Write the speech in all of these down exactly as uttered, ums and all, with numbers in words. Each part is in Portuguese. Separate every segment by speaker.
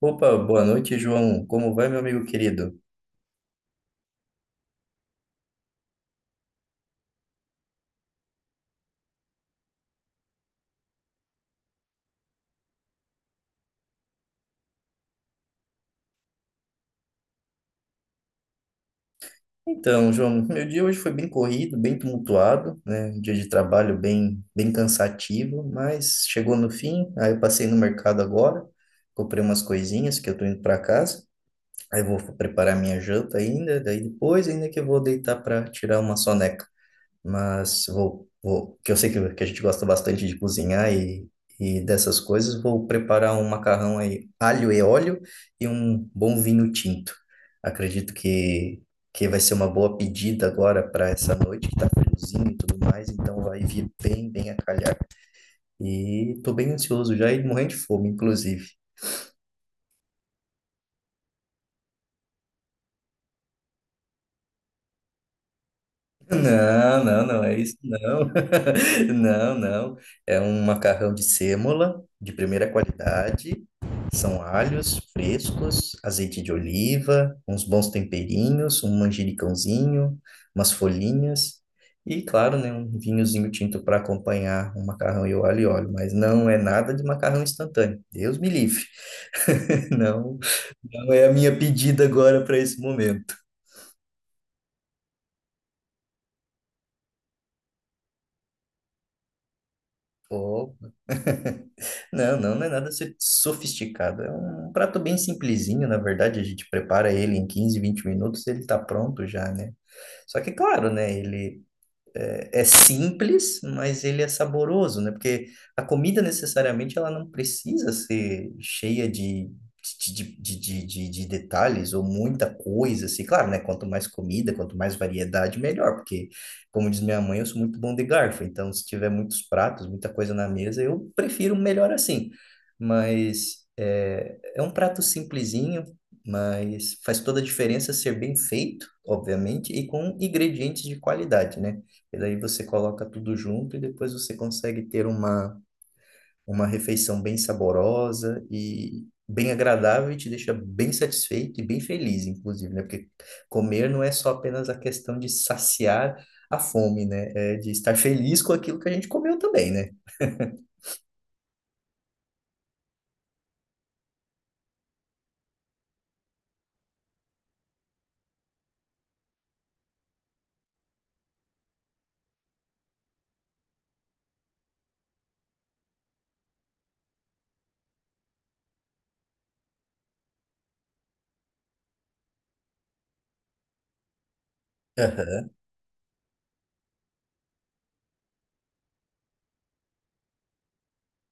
Speaker 1: Opa, boa noite, João. Como vai, meu amigo querido? Então, João, meu dia hoje foi bem corrido, bem tumultuado, né? Um dia de trabalho bem, bem cansativo, mas chegou no fim. Aí eu passei no mercado agora, comprei umas coisinhas que eu tô indo para casa. Aí eu vou preparar minha janta ainda, daí depois ainda que eu vou deitar para tirar uma soneca. mas vou, vou que eu sei que, que a gente gosta bastante de cozinhar e, e dessas coisas, vou preparar um macarrão aí, alho e óleo e um bom vinho tinto. Acredito que, que vai ser uma boa pedida agora para essa noite, que tá friozinho e tudo mais, então vai vir bem, bem a calhar. E tô bem ansioso já e morrendo de fome, inclusive. Não, não, não é isso, não. Não, não. É um macarrão de sêmola, de primeira qualidade. São alhos frescos, azeite de oliva, uns bons temperinhos, um manjericãozinho, umas folhinhas e, claro, né, um vinhozinho tinto para acompanhar o macarrão e o alho e óleo. Mas não é nada de macarrão instantâneo. Deus me livre. Não, não é a minha pedida agora para esse momento. Opa. Não, não, não é nada so- sofisticado. É um prato bem simplesinho, na verdade. A gente prepara ele em quinze vinte minutos, ele tá pronto já, né? Só que, claro, né? Ele é é simples, mas ele é saboroso, né? Porque a comida necessariamente ela não precisa ser cheia de, de, de, de, de, de- de detalhes ou muita coisa, assim. Claro, né? Quanto mais comida, quanto mais variedade, melhor. Porque, como diz minha mãe, eu sou muito bom de garfo. Então, se tiver muitos pratos, muita coisa na mesa, eu prefiro melhor assim. Mas é, é um prato simplesinho. Mas faz toda a diferença ser bem feito, obviamente, e com ingredientes de qualidade, né? E daí você coloca tudo junto e depois você consegue ter uma, uma refeição bem saborosa e bem agradável e te deixa bem satisfeito e bem feliz, inclusive, né? Porque comer não é só apenas a questão de saciar a fome, né? É de estar feliz com aquilo que a gente comeu também, né? Aham.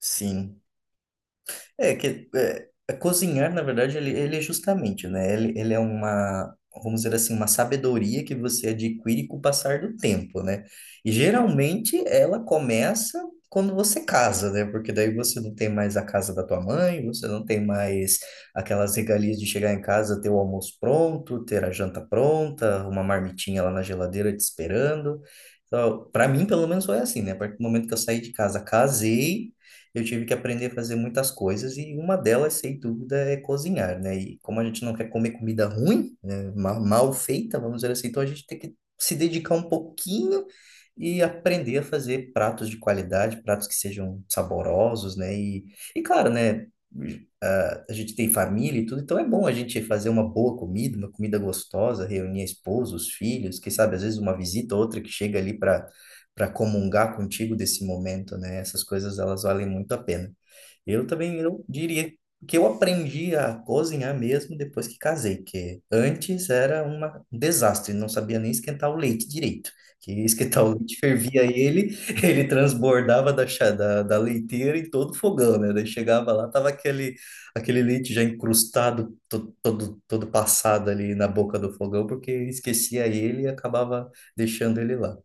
Speaker 1: Sim. É que é, a cozinhar, na verdade, ele, ele é justamente, né? Ele, ele é uma, vamos dizer assim, uma sabedoria que você adquire com o passar do tempo, né? E geralmente ela começa quando você casa, né? Porque daí você não tem mais a casa da tua mãe, você não tem mais aquelas regalias de chegar em casa, ter o almoço pronto, ter a janta pronta, uma marmitinha lá na geladeira te esperando. Então, para mim, pelo menos, foi assim, né? A partir do momento que eu saí de casa, casei, eu tive que aprender a fazer muitas coisas e uma delas, sem dúvida, é cozinhar, né? E como a gente não quer comer comida ruim, né, ma- mal feita, vamos dizer assim, então a gente tem que se dedicar um pouquinho e aprender a fazer pratos de qualidade, pratos que sejam saborosos, né? E, e claro, né? Agora a gente tem família e tudo, então é bom a gente fazer uma boa comida, uma comida gostosa, reunir a esposa, os filhos, quem sabe às vezes uma visita ou outra que chega ali para para comungar contigo desse momento, né? Essas coisas elas valem muito a pena. Eu também eu diria que eu aprendi a cozinhar mesmo depois que casei, que antes era uma, um desastre, não sabia nem esquentar o leite direito. Que esquentar o leite, fervia ele, ele transbordava da, cha- da, da leiteira em todo o fogão, né? Daí chegava lá, tava aquele, aquele leite já encrustado to- todo, todo passado ali na boca do fogão, porque esquecia ele e acabava deixando ele lá.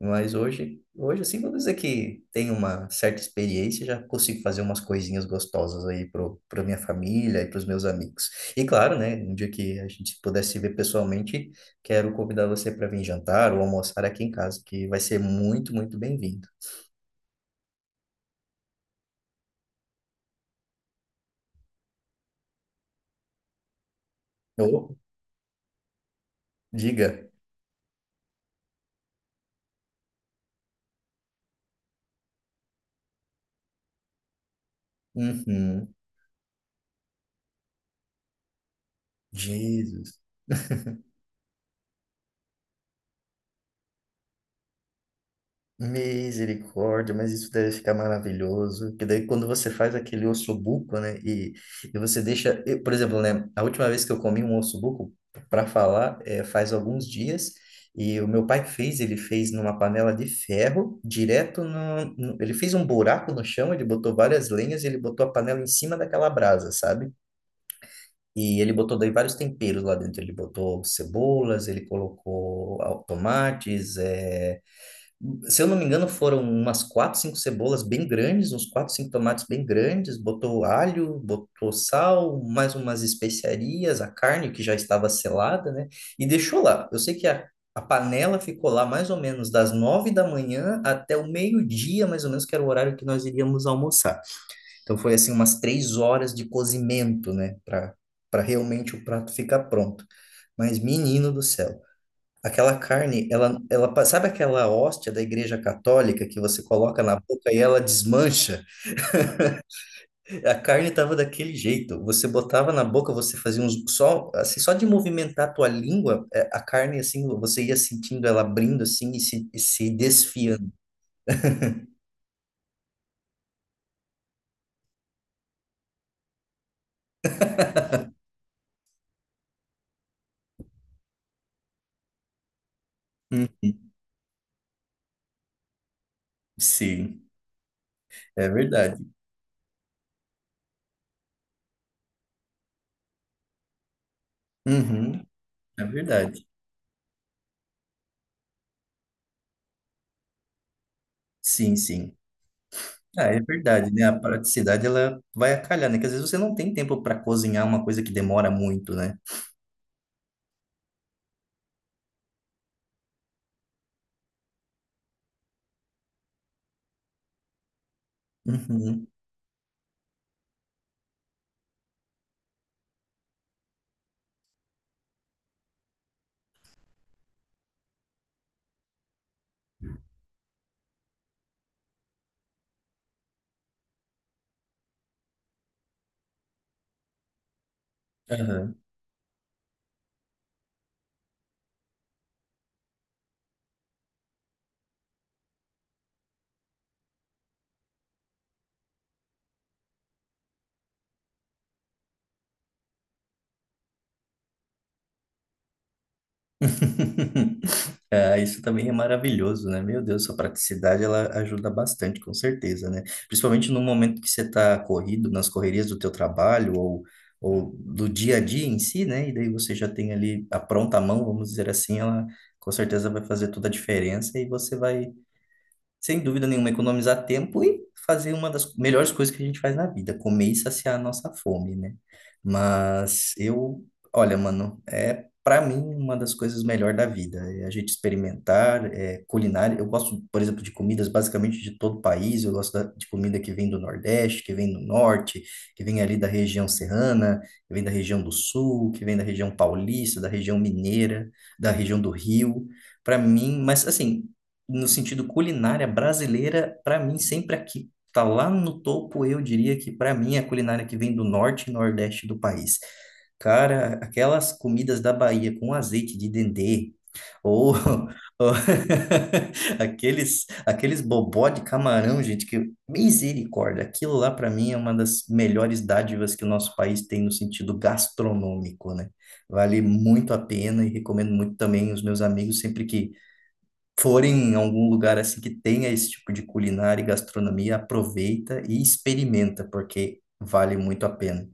Speaker 1: Mas hoje, hoje assim, vou dizer que tenho uma certa experiência, já consigo fazer umas coisinhas gostosas aí pro, pra minha família e pros meus amigos. E claro, né, um dia que a gente puder se ver pessoalmente, quero convidar você para vir jantar ou almoçar aqui em casa, que vai ser muito, muito bem-vindo. Ô, diga. Uhum. Jesus. Misericórdia, mas isso deve ficar maravilhoso. Que daí quando você faz aquele ossobuco, né? E, e você deixa, eu, por exemplo, né? A última vez que eu comi um ossobuco, para falar, é, faz alguns dias. E o meu pai fez, ele fez numa panela de ferro, direto no, no- ele fez um buraco no chão, ele botou várias lenhas, e ele botou a panela em cima daquela brasa, sabe? E ele botou daí vários temperos lá dentro. Ele botou cebolas, ele colocou ah, tomates, é, se eu não me engano, foram umas quatro, cinco cebolas bem grandes, uns quatro, cinco tomates bem grandes, botou alho, botou sal, mais umas especiarias, a carne que já estava selada, né? E deixou lá. Eu sei que a, a panela ficou lá mais ou menos das nove da manhã até o meio-dia, mais ou menos, que era o horário que nós iríamos almoçar. Então foi assim umas três horas de cozimento, né? Para para realmente o prato ficar pronto. Mas menino do céu. Aquela carne, ela, ela, pa- sabe aquela hóstia da Igreja Católica que você coloca na boca e ela desmancha? A carne estava daquele jeito. Você botava na boca, você fazia uns só assim, só de movimentar a tua língua, é, a carne assim, você ia sentindo ela abrindo assim e se, e se desfiando. Uhum. Sim, é verdade. Uhum, é verdade. Sim, sim. Ah, é verdade, né? A praticidade ela vai acalhar, né? Que às vezes você não tem tempo para cozinhar uma coisa que demora muito, né? Uhum. Aham. Ah, isso também é maravilhoso, né? Meu Deus, sua praticidade ela ajuda bastante, com certeza, né? Principalmente no momento que você está corrido, nas correrias do teu trabalho ou, ou do dia a dia em si, né? E daí você já tem ali a pronta mão, vamos dizer assim, ela com certeza vai fazer toda a diferença e você vai, sem dúvida nenhuma, economizar tempo e fazer uma das melhores coisas que a gente faz na vida, comer e saciar a nossa fome, né? Mas eu, olha, mano, é para mim uma das coisas melhores da vida, é a gente experimentar, é, culinária. Eu gosto, por exemplo, de comidas basicamente de todo o país, eu gosto da- de comida que vem do Nordeste, que vem do Norte, que vem ali da região serrana, que vem da região do Sul, que vem da região paulista, da região mineira, da região do Rio. Para mim, mas assim, no sentido culinária brasileira, para mim, sempre aqui. Tá lá no topo, eu diria que para mim é a culinária que vem do norte e nordeste do país. Cara, aquelas comidas da Bahia com azeite de dendê, ou, ou aqueles, aqueles bobó de camarão, gente, que misericórdia. Aquilo lá, para mim, é uma das melhores dádivas que o nosso país tem no sentido gastronômico, né? Vale muito a pena e recomendo muito também os meus amigos sempre que forem em algum lugar assim que tenha esse tipo de culinária e gastronomia, aproveita e experimenta, porque vale muito a pena.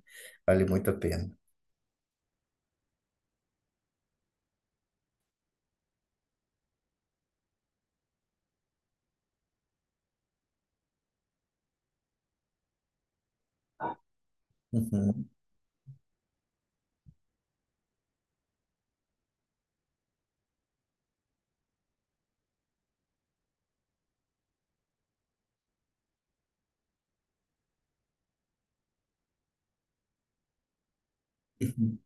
Speaker 1: Vale muito a pena. Uhum. Uhum.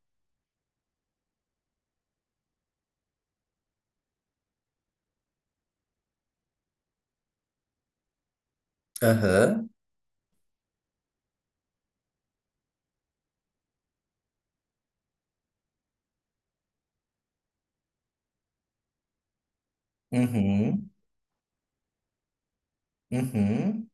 Speaker 1: Aham. Uhum. Uhum.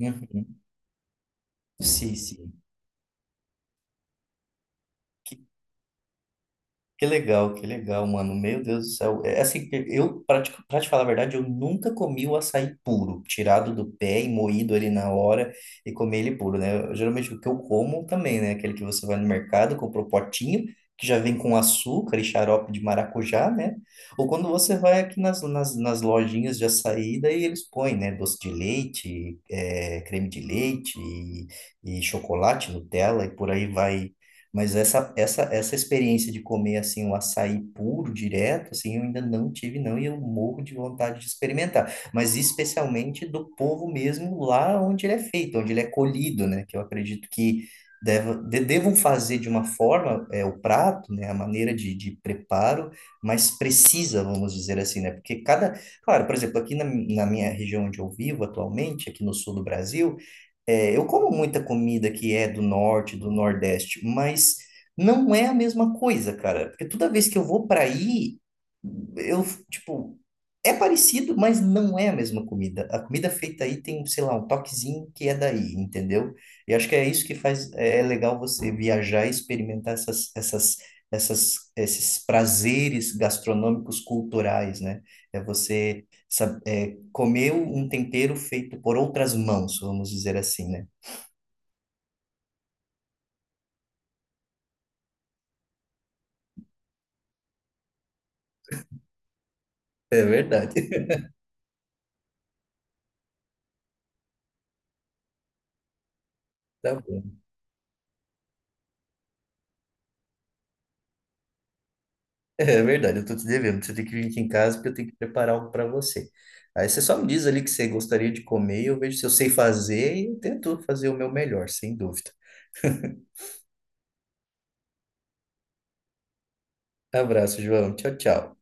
Speaker 1: Uhum. Sim, sim. Que legal, que legal, mano. Meu Deus do céu. É assim, eu, pra te, pra te falar a verdade, eu nunca comi o açaí puro, tirado do pé e moído ali na hora e comer ele puro, né? Eu, geralmente o que eu como também, né? Aquele que você vai no mercado, compra o potinho, que já vem com açúcar e xarope de maracujá, né? Ou quando você vai aqui nas, nas, nas lojinhas de açaí, daí eles põem, né? Doce de leite, eh, creme de leite e, e chocolate, Nutella e por aí vai. Mas essa, essa, essa experiência de comer assim um açaí puro, direto, assim, eu ainda não tive, não, e eu morro de vontade de experimentar. Mas especialmente do povo mesmo lá onde ele é feito, onde ele é colhido, né? Que eu acredito que deva, de- devam fazer de uma forma, é, o prato, né? A maneira de, de preparo mais precisa, vamos dizer assim, né? Porque cada. Claro, por exemplo, aqui na, na minha região onde eu vivo atualmente, aqui no sul do Brasil, é, eu como muita comida que é do norte, do nordeste, mas não é a mesma coisa, cara. Porque toda vez que eu vou para aí, eu, tipo, é parecido, mas não é a mesma comida. A comida feita aí tem, sei lá, um toquezinho que é daí, entendeu? E acho que é isso que faz, é, é legal você viajar e experimentar essas, essas, essas, esses prazeres gastronômicos culturais, né? É você saber comeu um tempero feito por outras mãos, vamos dizer assim, né? É verdade. Tá bom. É verdade, eu tô te devendo. Você tem que vir aqui em casa porque eu tenho que preparar algo para você. Aí você só me diz ali o que você gostaria de comer, eu vejo se eu sei fazer e eu tento fazer o meu melhor, sem dúvida. Abraço, João. Tchau, tchau.